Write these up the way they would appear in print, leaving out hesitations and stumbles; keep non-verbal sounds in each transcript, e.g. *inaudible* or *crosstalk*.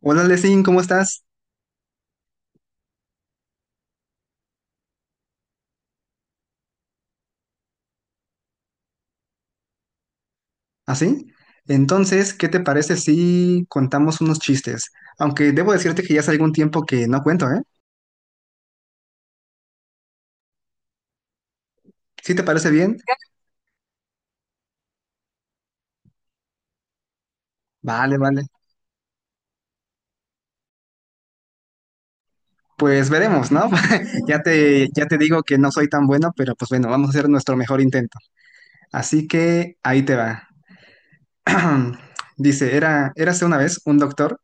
Hola, Lesin, ¿cómo estás? ¿Así? Entonces, ¿qué te parece si contamos unos chistes? Aunque debo decirte que ya hace algún tiempo que no cuento, ¿eh? ¿Sí te parece bien? Vale, vale. Pues veremos, ¿no? *laughs* Ya te digo que no soy tan bueno, pero pues bueno, vamos a hacer nuestro mejor intento. Así que ahí te va. *clears throat* Dice, era, érase una vez un doctor,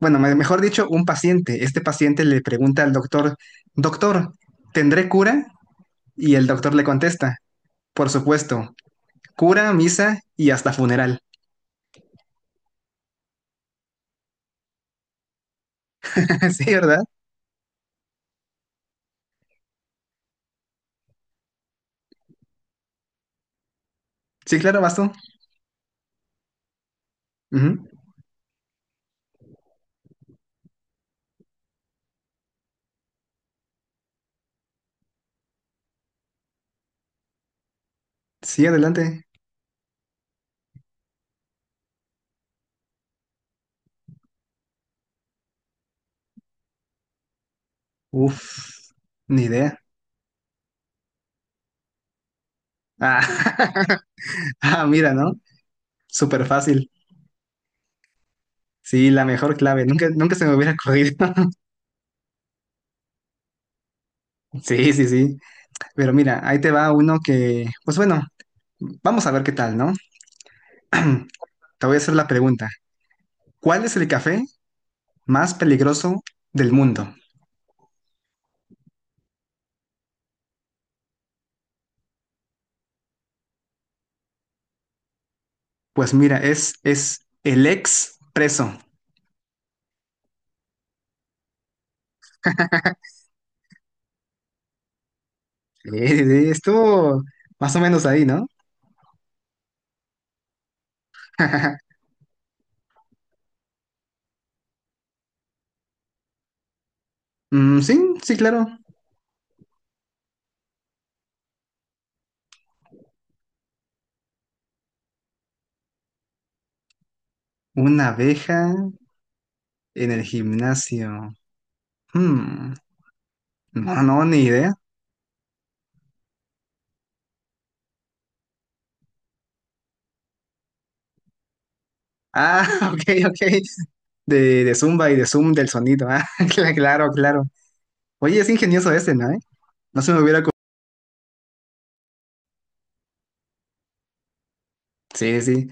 bueno, mejor dicho, un paciente. Este paciente le pregunta al doctor, doctor, ¿tendré cura? Y el doctor le contesta, por supuesto, cura, misa y hasta funeral. *laughs* Sí, ¿verdad? Sí, claro, vas tú. Ujú. Sí, adelante. Uf, ni idea. Ah, *laughs* ah, mira, ¿no? Súper fácil. Sí, la mejor clave. Nunca, nunca se me hubiera ocurrido. *laughs* Sí, sí, sí. Pero mira, ahí te va uno que, pues bueno, vamos a ver qué tal, ¿no? *clears throat* Te voy a hacer la pregunta. ¿Cuál es el café más peligroso del mundo? Pues mira, es el expreso. Sí, sí, sí, estuvo más o menos ahí, ¿no? *laughs* Mm, sí, sí, claro. Una abeja en el gimnasio. Hmm, No, no, ni idea. Ah, *laughs* ok, ok. De Zumba y de Zoom del sonido. Ah, *laughs* claro, claro. Oye, es ingenioso este, ¿no? ¿Eh? No se me hubiera... Sí, sí.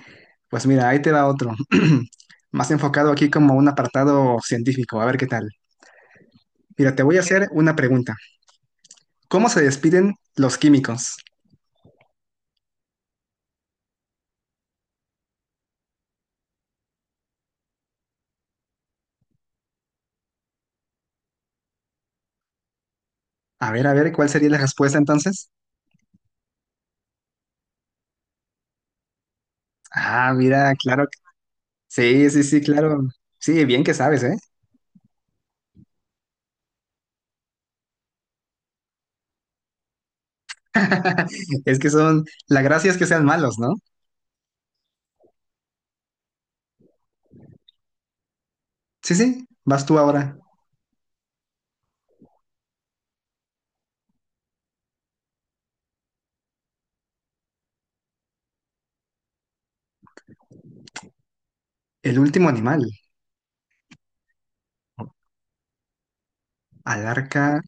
Pues mira, ahí te va otro. *clears throat* Más enfocado aquí como un apartado científico. A ver qué tal. Mira, te voy a hacer una pregunta. ¿Cómo se despiden los químicos? A ver, ¿cuál sería la respuesta entonces? Ah, mira, claro. Sí, sí, sí, claro. Sí, bien que sabes, ¿eh? *laughs* Es que son, la gracia es que sean malos, ¿no? Sí, sí, vas tú ahora. El último animal. Al arca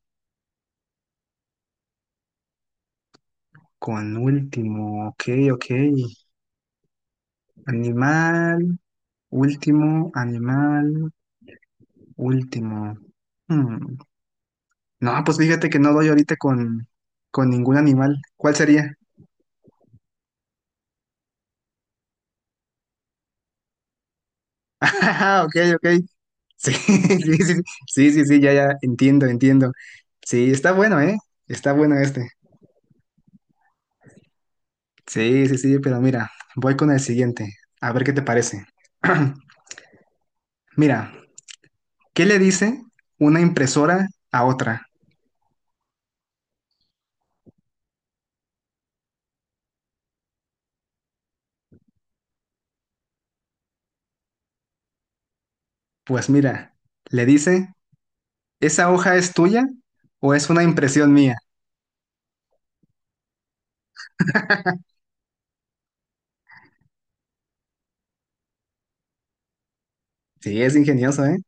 con último. Ok, ok. Animal, último, animal, último. Hmm. No, pues fíjate que no doy ahorita con ningún animal. ¿Cuál sería? *laughs* Ah, ok, ok. Sí, *laughs* sí, sí, sí, sí, sí, ya, ya, entiendo, entiendo. Sí, está bueno, ¿eh? Está bueno este. Sí, sí, sí, pero mira, voy con el siguiente, a ver qué te parece. *clears throat* Mira, ¿qué le dice una impresora a otra? Pues mira, le dice, ¿esa hoja es tuya o es una impresión mía? Sí, es ingenioso, ¿eh?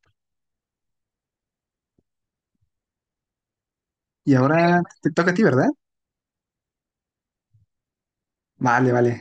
Y ahora te toca a ti, ¿verdad? Vale, vale.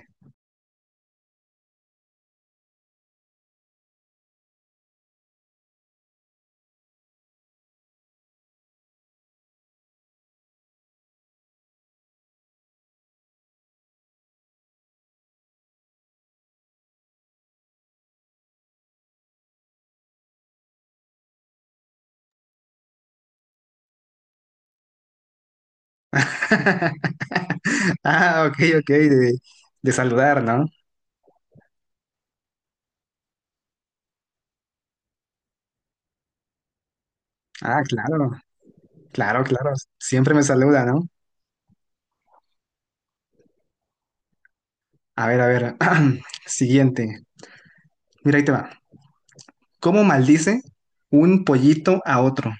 *laughs* Ah, ok, ok, de saludar, ¿no? Ah, claro, claro, claro. Siempre me saluda, ¿no? A ver, a ver. *clears throat* Siguiente. Mira, ahí te va. ¿Cómo maldice un pollito a otro?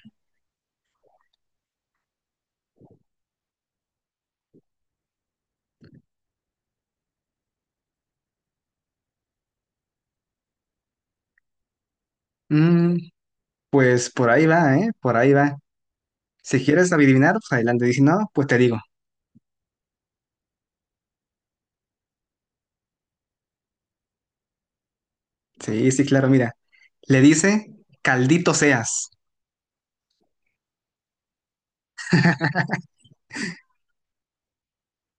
Mm, pues por ahí va, ¿eh? Por ahí va. Si quieres adivinar, pues adelante. Y si no, pues te digo. Sí, sí, claro, mira. Le dice, caldito seas.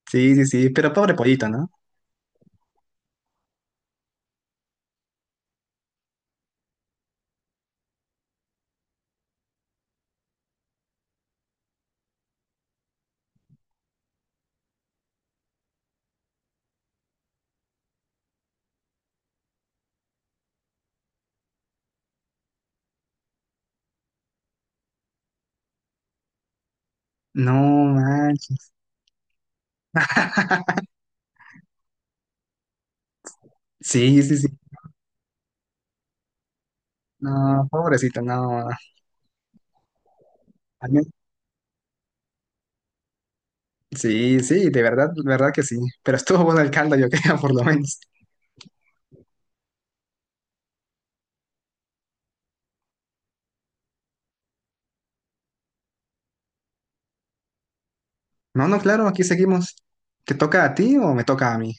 Sí, sí, sí, pero pobre pollito, ¿no? No manches. *laughs* Sí, sí, sí. No, pobrecito, no. A mí... Sí, sí, de verdad que sí. Pero estuvo bueno el caldo, yo *laughs* creo, por lo menos. No, no, claro, aquí seguimos. ¿Te toca a ti o me toca a mí?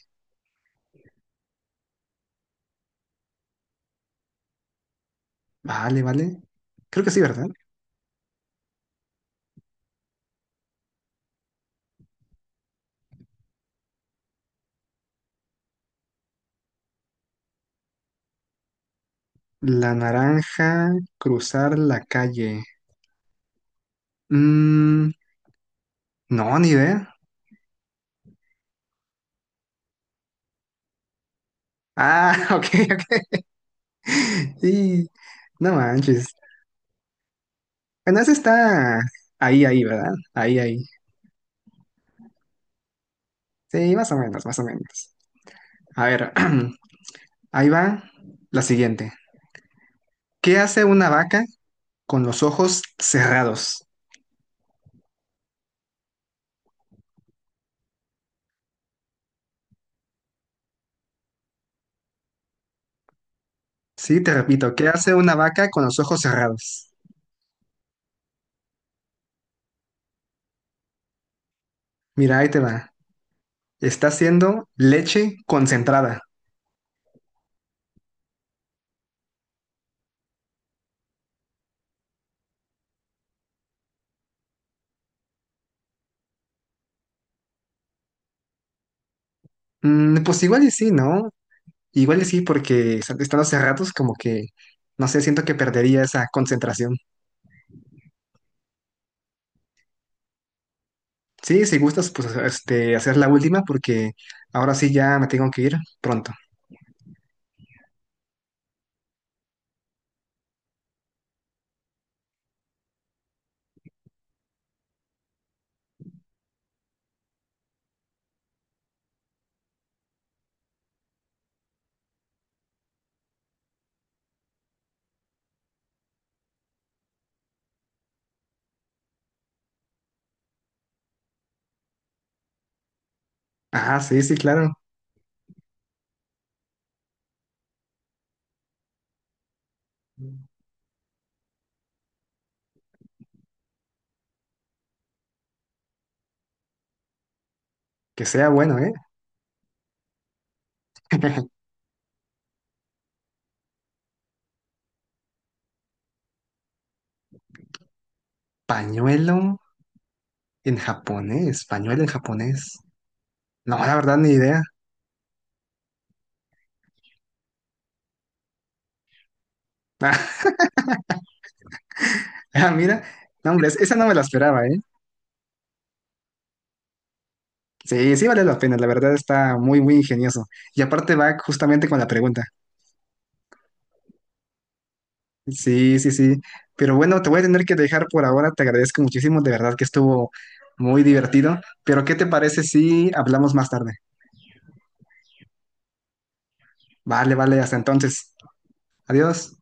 Vale, vale. Creo que sí, ¿verdad? La naranja, cruzar la calle. Mm, no, ni idea. Ah, *laughs* ok, ok. Sí, no manches. Bueno, ese está ahí, ahí, ¿verdad? Ahí, ahí. Sí, más o menos, más o menos. A ver, *clears throat* ahí va la siguiente. ¿Qué hace una vaca con los ojos cerrados? Sí, te repito, ¿qué hace una vaca con los ojos cerrados? Mira, ahí te va. Está haciendo leche concentrada. Mm, pues igual y sí, ¿no? Igual y sí, porque estando hace ratos como que, no sé, siento que perdería esa concentración. Sí, si gustas, pues este, hacer la última porque ahora sí ya me tengo que ir pronto. Ah, sí, sí, claro. Que sea bueno, ¿eh? Pañuelo en japonés, pañuelo en japonés. No, la verdad, ni idea. *laughs* Ah, mira, no, hombre, esa no me la esperaba, ¿eh? Sí, sí vale la pena, la verdad está muy, muy ingenioso. Y aparte va justamente con la pregunta. Sí, sí, sí. Pero bueno, te voy a tener que dejar por ahora. Te agradezco muchísimo, de verdad que estuvo muy divertido. Pero ¿qué te parece si hablamos más tarde? Vale, vale, hasta entonces. Adiós.